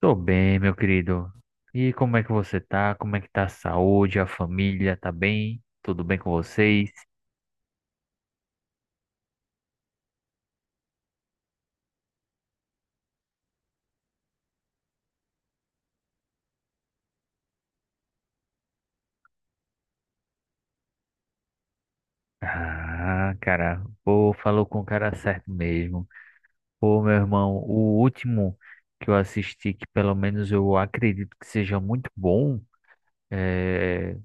Tô bem, meu querido. E como é que você tá? Como é que tá a saúde, a família? Tá bem? Tudo bem com vocês? Ah, cara, pô, falou com o cara certo mesmo. Pô, meu irmão, o último que eu assisti, que pelo menos eu acredito que seja muito bom, é,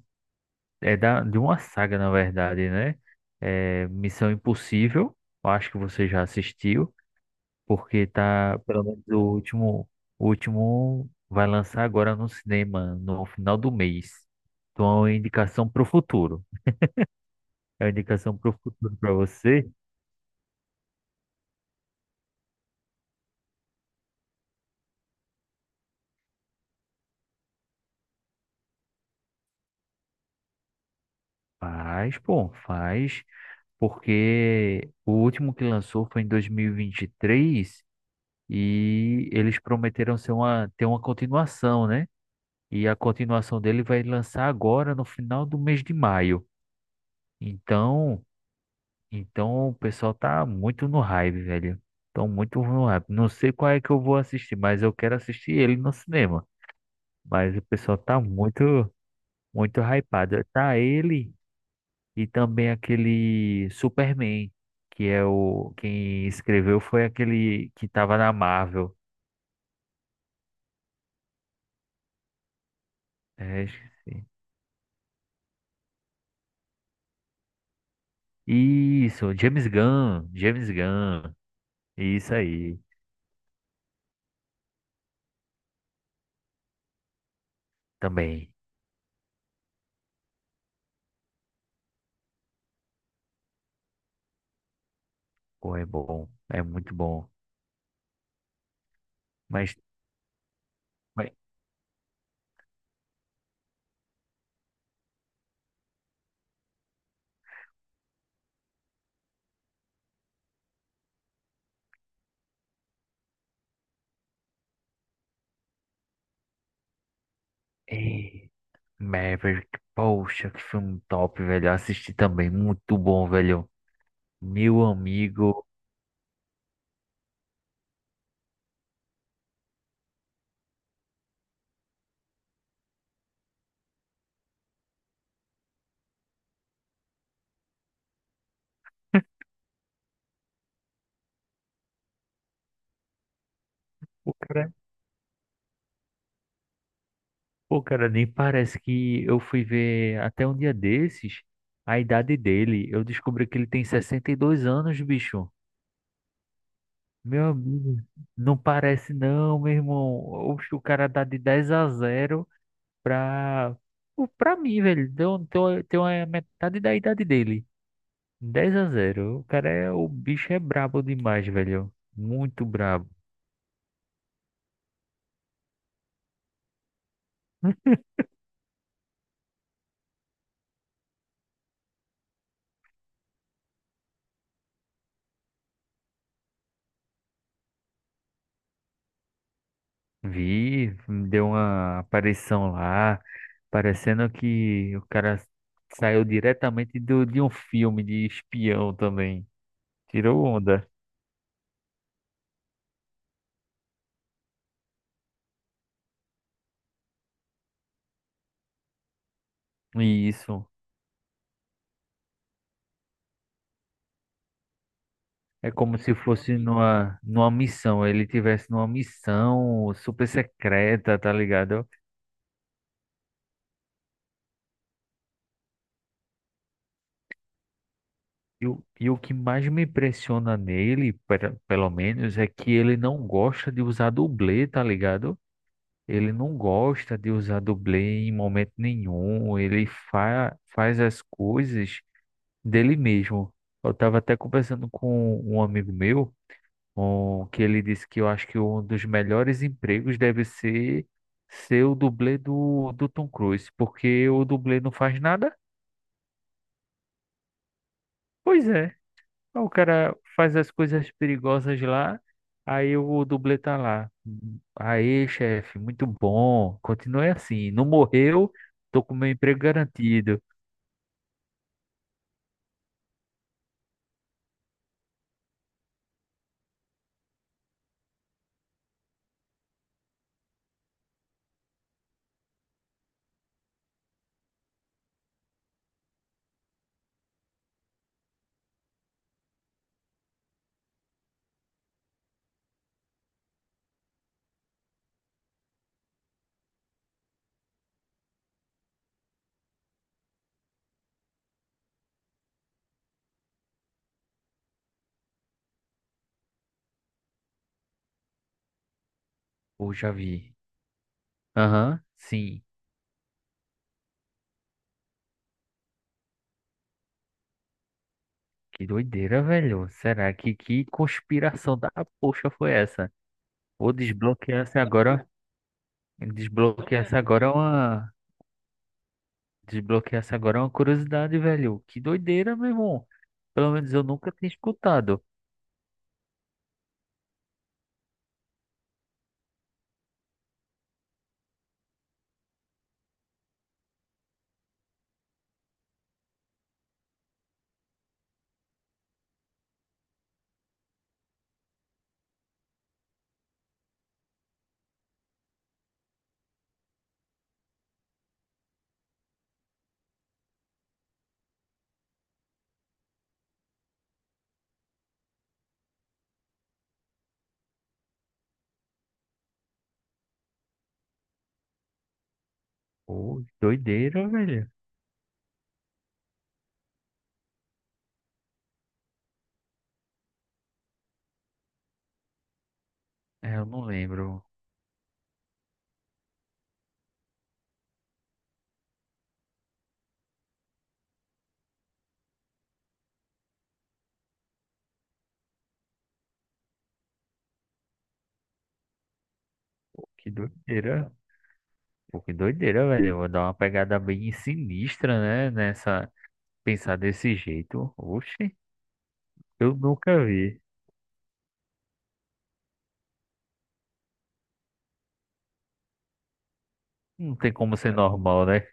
é de uma saga, na verdade, né? É Missão Impossível, eu acho que você já assistiu. Porque tá, pelo menos o último vai lançar agora no cinema, no final do mês. Então é uma indicação pro futuro. É uma indicação pro futuro pra você? Faz, pô, faz, porque o último que lançou foi em 2023 e vinte e três e eles prometeram ser ter uma continuação, né? E a continuação dele vai lançar agora no final do mês de maio. Então, então o pessoal tá muito no hype, velho. Tão muito no hype. Não sei qual é que eu vou assistir, mas eu quero assistir ele no cinema. Mas o pessoal tá muito hypado. Tá ele e também aquele Superman, que é o quem escreveu foi aquele que tava na Marvel. É, esqueci. Isso, James Gunn. Isso aí também. Pô, é bom, é muito bom. Mas, mas... é. Maverick, poxa, que filme top, velho. Eu assisti também, muito bom, velho. Meu amigo, o cara, o cara nem parece que eu fui ver até um dia desses a idade dele. Eu descobri que ele tem 62 anos, bicho. Meu amigo, não parece não, meu irmão. Oxe, o cara dá de 10 a 0 pra, pra mim, velho. Então, tô- tem a metade da idade dele. 10 a zero, o cara é, o bicho é brabo demais, velho. Muito brabo. Vi, deu uma aparição lá, parecendo que o cara saiu diretamente de um filme de espião também. Tirou onda. E isso. É como se fosse numa missão. Ele tivesse numa missão super secreta, tá ligado? E, e o que mais me impressiona nele, pelo menos, é que ele não gosta de usar dublê, tá ligado? Ele não gosta de usar dublê em momento nenhum. Ele fa faz as coisas dele mesmo. Eu estava até conversando com um amigo meu, que ele disse que eu acho que um dos melhores empregos deve ser ser o dublê do Tom Cruise, porque o dublê não faz nada. Pois é. O cara faz as coisas perigosas lá, aí o dublê tá lá. Aí, chefe, muito bom. Continue assim. Não morreu, tô com meu emprego garantido. Ou já vi. Aham, sim. Que doideira, velho. Será que conspiração da poxa foi essa? Ou desbloquear-se agora. Desbloquear-se agora é uma. Desbloquear-se agora é uma curiosidade, velho. Que doideira, meu irmão. Pelo menos eu nunca tinha escutado. Pô, doideira, velho. É, eu não lembro. Pô, que doideira. Pô, que doideira, velho. Eu vou dar uma pegada bem sinistra, né? Nessa. Pensar desse jeito. Oxe, eu nunca vi. Não tem como ser normal, né?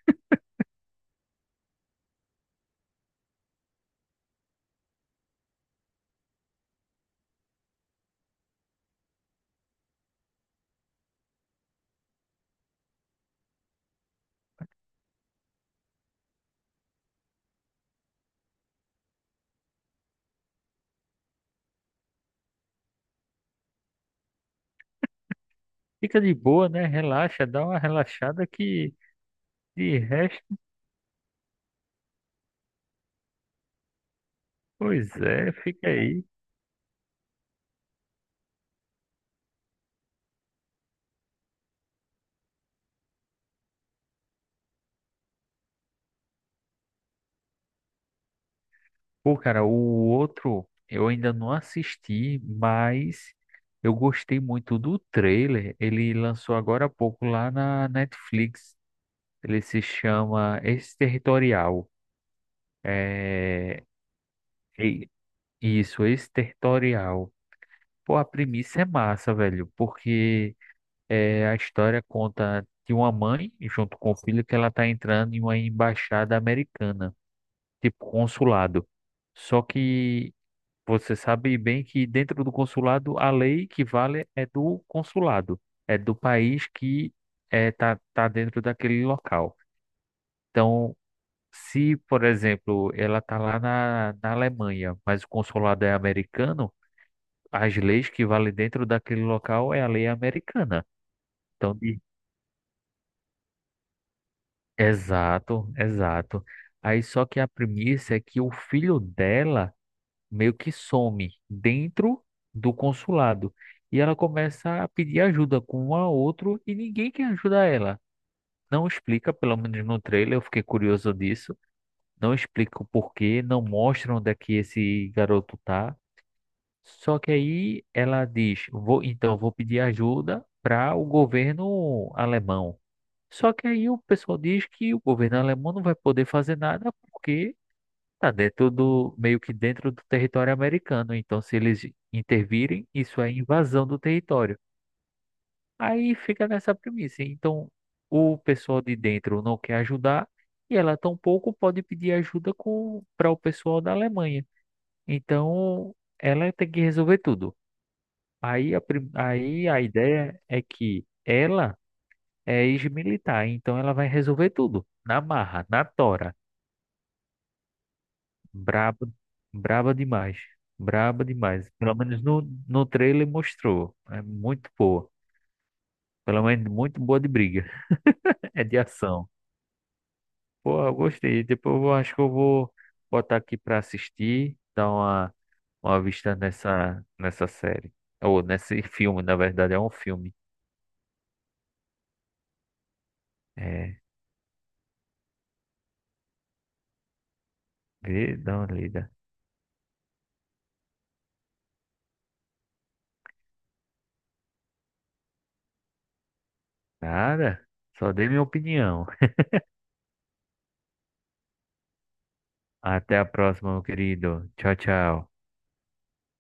Fica de boa, né? Relaxa, dá uma relaxada que. De resto, pois é, fica aí. Pô, cara, o outro eu ainda não assisti, mas eu gostei muito do trailer. Ele lançou agora há pouco lá na Netflix. Ele se chama Exterritorial. É, e- isso, exterritorial. Pô, a premissa é massa, velho, porque é, a história conta de uma mãe, junto com o filho, que ela tá entrando em uma embaixada americana, tipo consulado. Só que você sabe bem que dentro do consulado, a lei que vale é do consulado, é do país que tá, tá dentro daquele local. Então, se por exemplo, ela tá lá na Alemanha, mas o consulado é americano, as leis que valem dentro daquele local é a lei americana. Então, exato, exato. Aí só que a premissa é que o filho dela meio que some dentro do consulado e ela começa a pedir ajuda com um a outro e ninguém quer ajudar ela. Não explica, pelo menos no trailer, eu fiquei curioso disso. Não explica o porquê, não mostra onde é que esse garoto tá. Só que aí ela diz, vou, então vou pedir ajuda para o governo alemão. Só que aí o pessoal diz que o governo alemão não vai poder fazer nada porque tá dentro do, meio que dentro do território americano. Então, se eles intervirem, isso é invasão do território. Aí fica nessa premissa. Então, o pessoal de dentro não quer ajudar e ela tampouco pode pedir ajuda com para o pessoal da Alemanha. Então, ela tem que resolver tudo. Aí a ideia é que ela é ex-militar, então ela vai resolver tudo. Na marra, na tora. Braba, braba demais. Braba demais. Pelo menos no trailer mostrou. É muito boa. Pelo menos muito boa de briga. É de ação. Pô, eu gostei. Depois eu acho que eu vou botar aqui pra assistir, dar uma vista nessa série. Ou nesse filme, na verdade, é um filme. É, vê, dá uma lida. Nada, só dei minha opinião. Até a próxima, meu querido. Tchau, tchau.